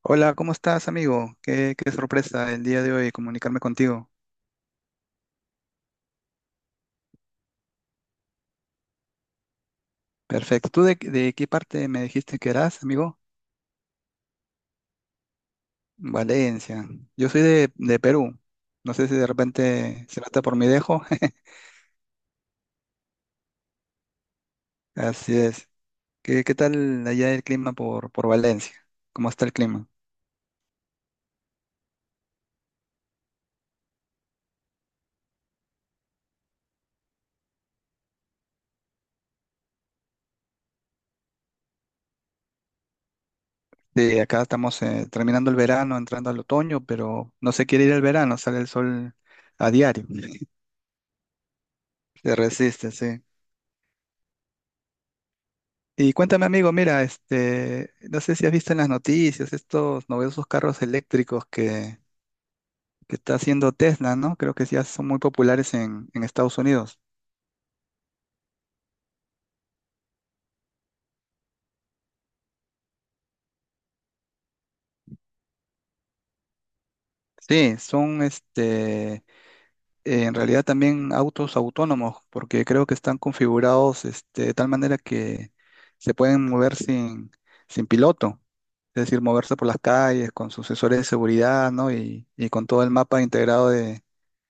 Hola, ¿cómo estás, amigo? Qué sorpresa el día de hoy comunicarme contigo. Perfecto. ¿Tú de qué parte me dijiste que eras, amigo? Valencia. Yo soy de Perú. No sé si de repente se nota por mi dejo. Así es. ¿Qué tal allá el clima por Valencia? ¿Cómo está el clima? Sí, acá estamos terminando el verano, entrando al otoño, pero no se quiere ir el verano, sale el sol a diario. Se resiste, sí. Y cuéntame, amigo, mira, este, no sé si has visto en las noticias estos novedosos carros eléctricos que está haciendo Tesla, ¿no? Creo que ya son muy populares en Estados Unidos. Sí, son este, en realidad también autos autónomos, porque creo que están configurados este, de tal manera que se pueden mover sin piloto, es decir, moverse por las calles con su sensores de seguridad, ¿no? Y con todo el mapa integrado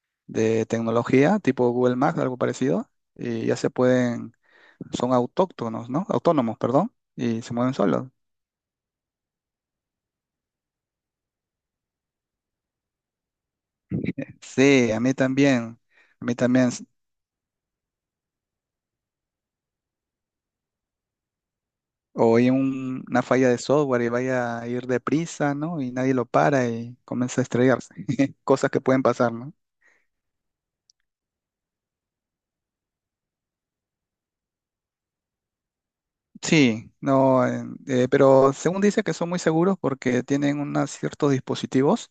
de tecnología, tipo Google Maps, algo parecido, y ya se pueden, son autóctonos, ¿no? Autónomos, perdón, y se mueven solos. Sí, a mí también, o hay una falla de software y vaya a ir deprisa, ¿no? Y nadie lo para y comienza a estrellarse, cosas que pueden pasar, ¿no? Sí, no, pero según dice que son muy seguros porque tienen unos ciertos dispositivos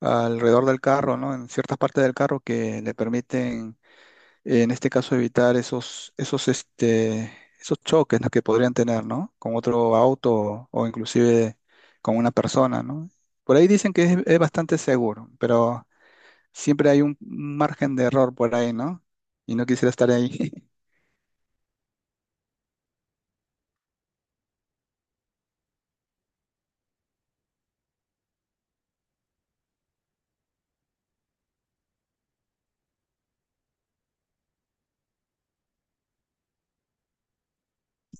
alrededor del carro, ¿no? En ciertas partes del carro que le permiten en este caso evitar esos choques, ¿no? que podrían tener, ¿no? Con otro auto o inclusive con una persona, ¿no? Por ahí dicen que es bastante seguro, pero siempre hay un margen de error por ahí, ¿no? Y no quisiera estar ahí.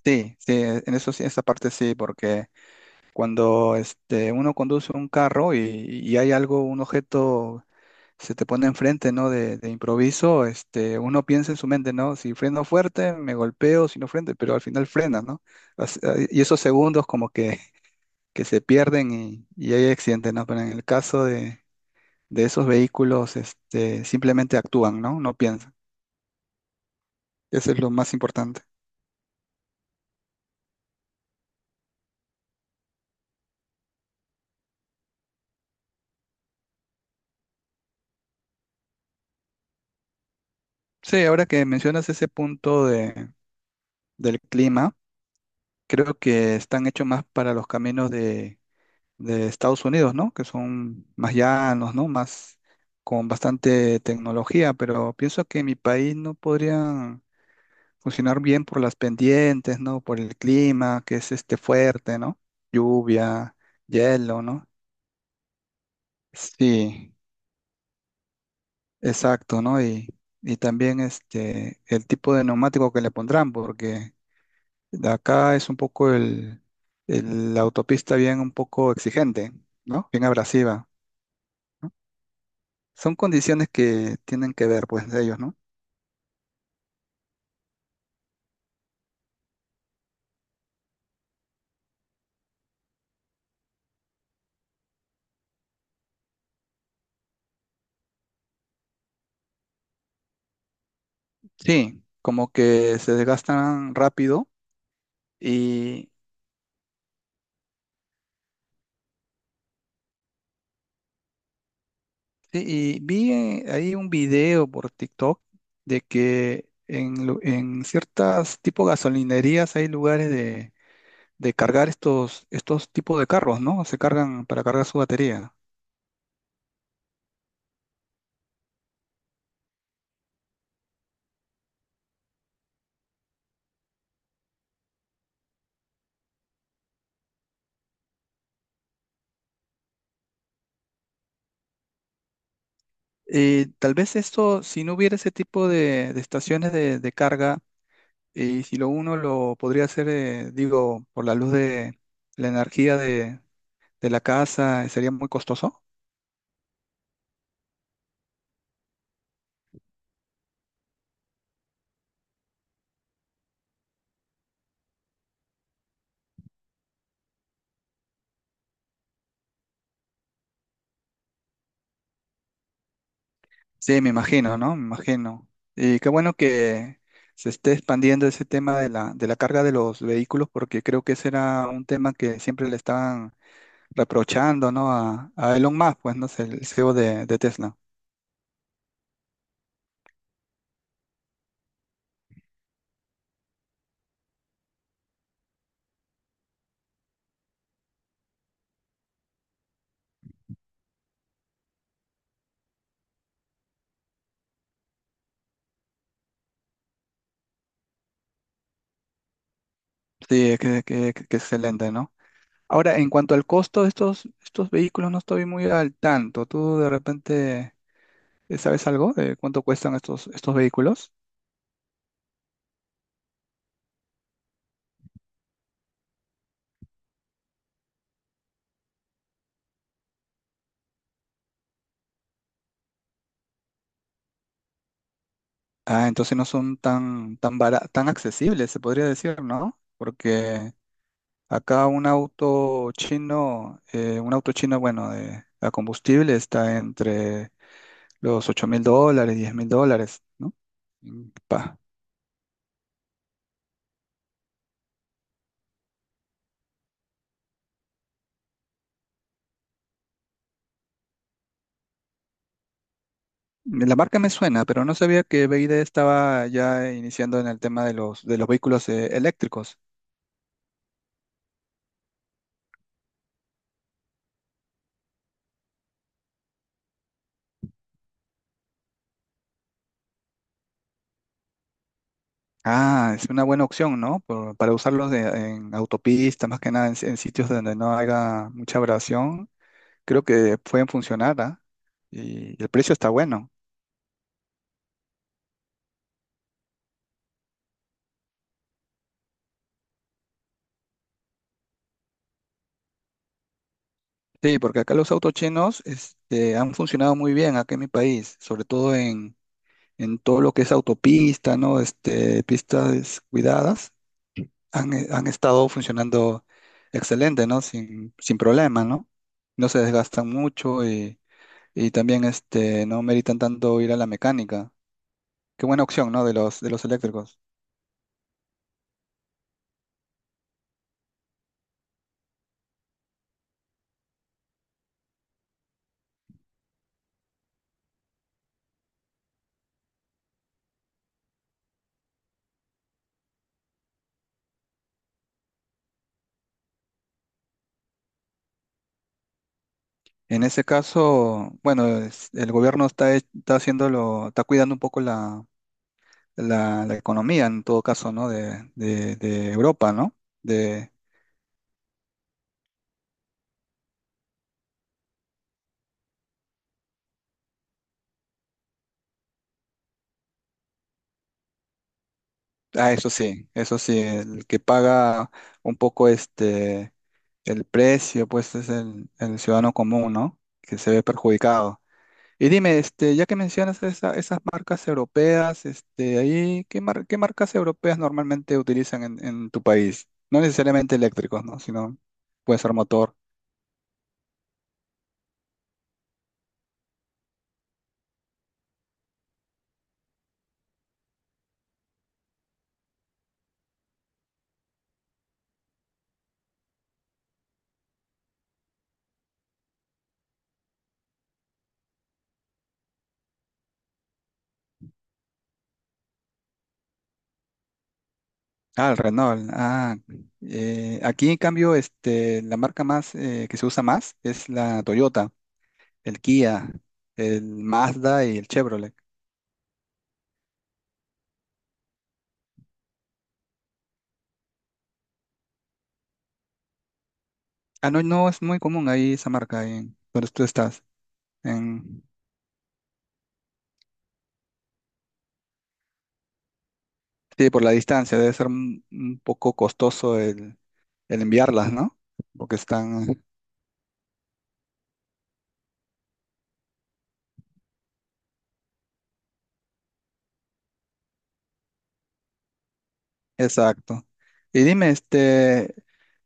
Sí, sí, en eso sí, esa parte sí, porque cuando este, uno conduce un carro y hay algo, un objeto se te pone enfrente, ¿no? De improviso, este, uno piensa en su mente, ¿no? Si freno fuerte, me golpeo, si no freno, pero al final frena, ¿no? Y esos segundos como que se pierden y hay accidentes, ¿no? Pero en el caso de esos vehículos, este, simplemente actúan, ¿no? No piensan. Eso es lo más importante. Sí, ahora que mencionas ese punto del clima, creo que están hechos más para los caminos de Estados Unidos, ¿no? Que son más llanos, ¿no? Más con bastante tecnología, pero pienso que en mi país no podrían funcionar bien por las pendientes, ¿no? Por el clima, que es este fuerte, ¿no? Lluvia, hielo, ¿no? Sí, exacto, ¿no? Y también este, el tipo de neumático que le pondrán, porque de acá es un poco la autopista bien un poco exigente, ¿no? Bien abrasiva. Son condiciones que tienen que ver, pues, de ellos, ¿no? Sí, como que se desgastan rápido y, sí, y vi ahí un video por TikTok de que en, en ciertas tipo gasolinerías hay lugares de cargar estos tipos de carros, ¿no? Se cargan para cargar su batería. Tal vez esto, si no hubiera ese tipo de estaciones de carga, y si lo uno lo podría hacer, digo, por la luz de la energía de la casa, sería muy costoso. Sí, me imagino, ¿no? Me imagino. Y qué bueno que se esté expandiendo ese tema de de la carga de los vehículos, porque creo que ese era un tema que siempre le estaban reprochando, ¿no? A Elon Musk, pues, ¿no? Es el CEO de Tesla. Sí, que excelente, ¿no? Ahora, en cuanto al costo de estos vehículos, no estoy muy al tanto. ¿Tú de repente sabes algo de cuánto cuestan estos vehículos? Ah, entonces no son tan accesibles, se podría decir, ¿no? Porque acá un auto chino, bueno, de, a combustible está entre los $8000, $10,000, ¿no? Mm, pa. La marca me suena, pero no sabía que BYD estaba ya iniciando en el tema de de los vehículos, eléctricos. Ah, es una buena opción, ¿no? Para usarlos en autopistas, más que nada en sitios donde no haya mucha abrasión creo que pueden funcionar, ¿ah? Y el precio está bueno. Sí, porque acá los autos chinos este, han funcionado muy bien acá en mi país, sobre todo en todo lo que es autopista, ¿no? Este, pistas cuidadas, han, han estado funcionando excelente, ¿no? Sin problema, ¿no? No se desgastan mucho y también este, no meritan tanto ir a la mecánica. Qué buena opción, ¿no? De los eléctricos. En ese caso, bueno, el gobierno está, está haciéndolo, está cuidando un poco la economía en todo caso, ¿no? De Europa, ¿no? De, ah, eso sí, el que paga un poco este el precio, pues es el ciudadano común, ¿no? Que se ve perjudicado. Y dime, este, ya que mencionas esas marcas europeas, este, ahí, qué marcas europeas normalmente utilizan en tu país? No necesariamente eléctricos, ¿no? Sino puede ser motor. Ah, el Renault. Ah, aquí en cambio, este, la marca más que se usa más es la Toyota, el Kia, el Mazda y el Chevrolet. Ah, no, no es muy común ahí esa marca ahí en donde tú estás. En, sí, por la distancia debe ser un poco costoso el enviarlas, ¿no? Porque están, exacto. Y dime, este,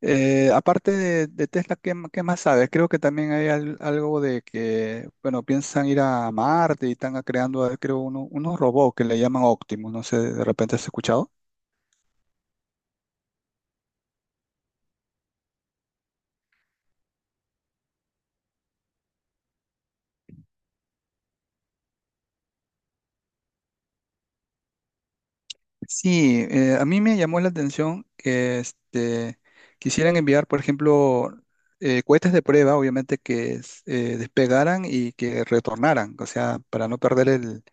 aparte de Tesla, ¿qué, qué más sabes? Creo que también hay algo de que, bueno, piensan ir a Marte y están creando, creo, unos robots que le llaman Optimus, no sé, ¿de repente has escuchado? Sí, a mí me llamó la atención que este, quisieran enviar, por ejemplo, cohetes de prueba, obviamente que despegaran y que retornaran, o sea, para no perder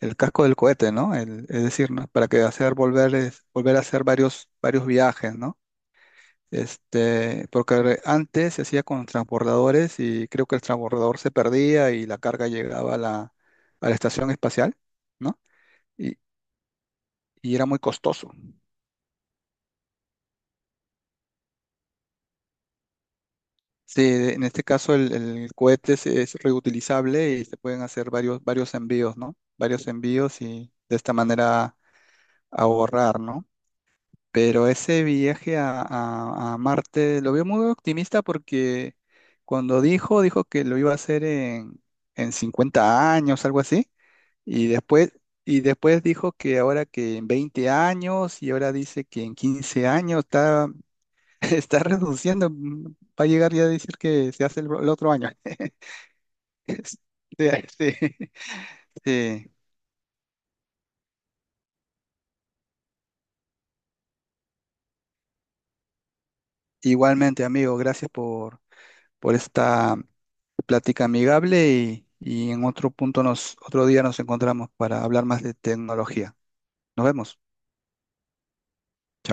el casco del cohete, ¿no? Es decir, ¿no? Para que hacer volver, volver a hacer varios viajes, ¿no? Este, porque antes se hacía con transbordadores y creo que el transbordador se perdía y la carga llegaba a a la estación espacial, ¿no? Y, y era muy costoso. Sí, en este caso el cohete es reutilizable y se pueden hacer varios envíos, ¿no? Varios envíos y de esta manera ahorrar, ¿no? Pero ese viaje a, a Marte lo veo muy optimista porque cuando dijo, dijo que lo iba a hacer en 50 años, algo así, y después, y después dijo que ahora que en 20 años y ahora dice que en 15 años, está Está renunciando, mm, va a llegar ya a decir que se hace el otro año. Sí, sí, sí. Igualmente, amigo, gracias por esta plática amigable y en otro punto nos, otro día nos encontramos para hablar más de tecnología. Nos vemos. Chao.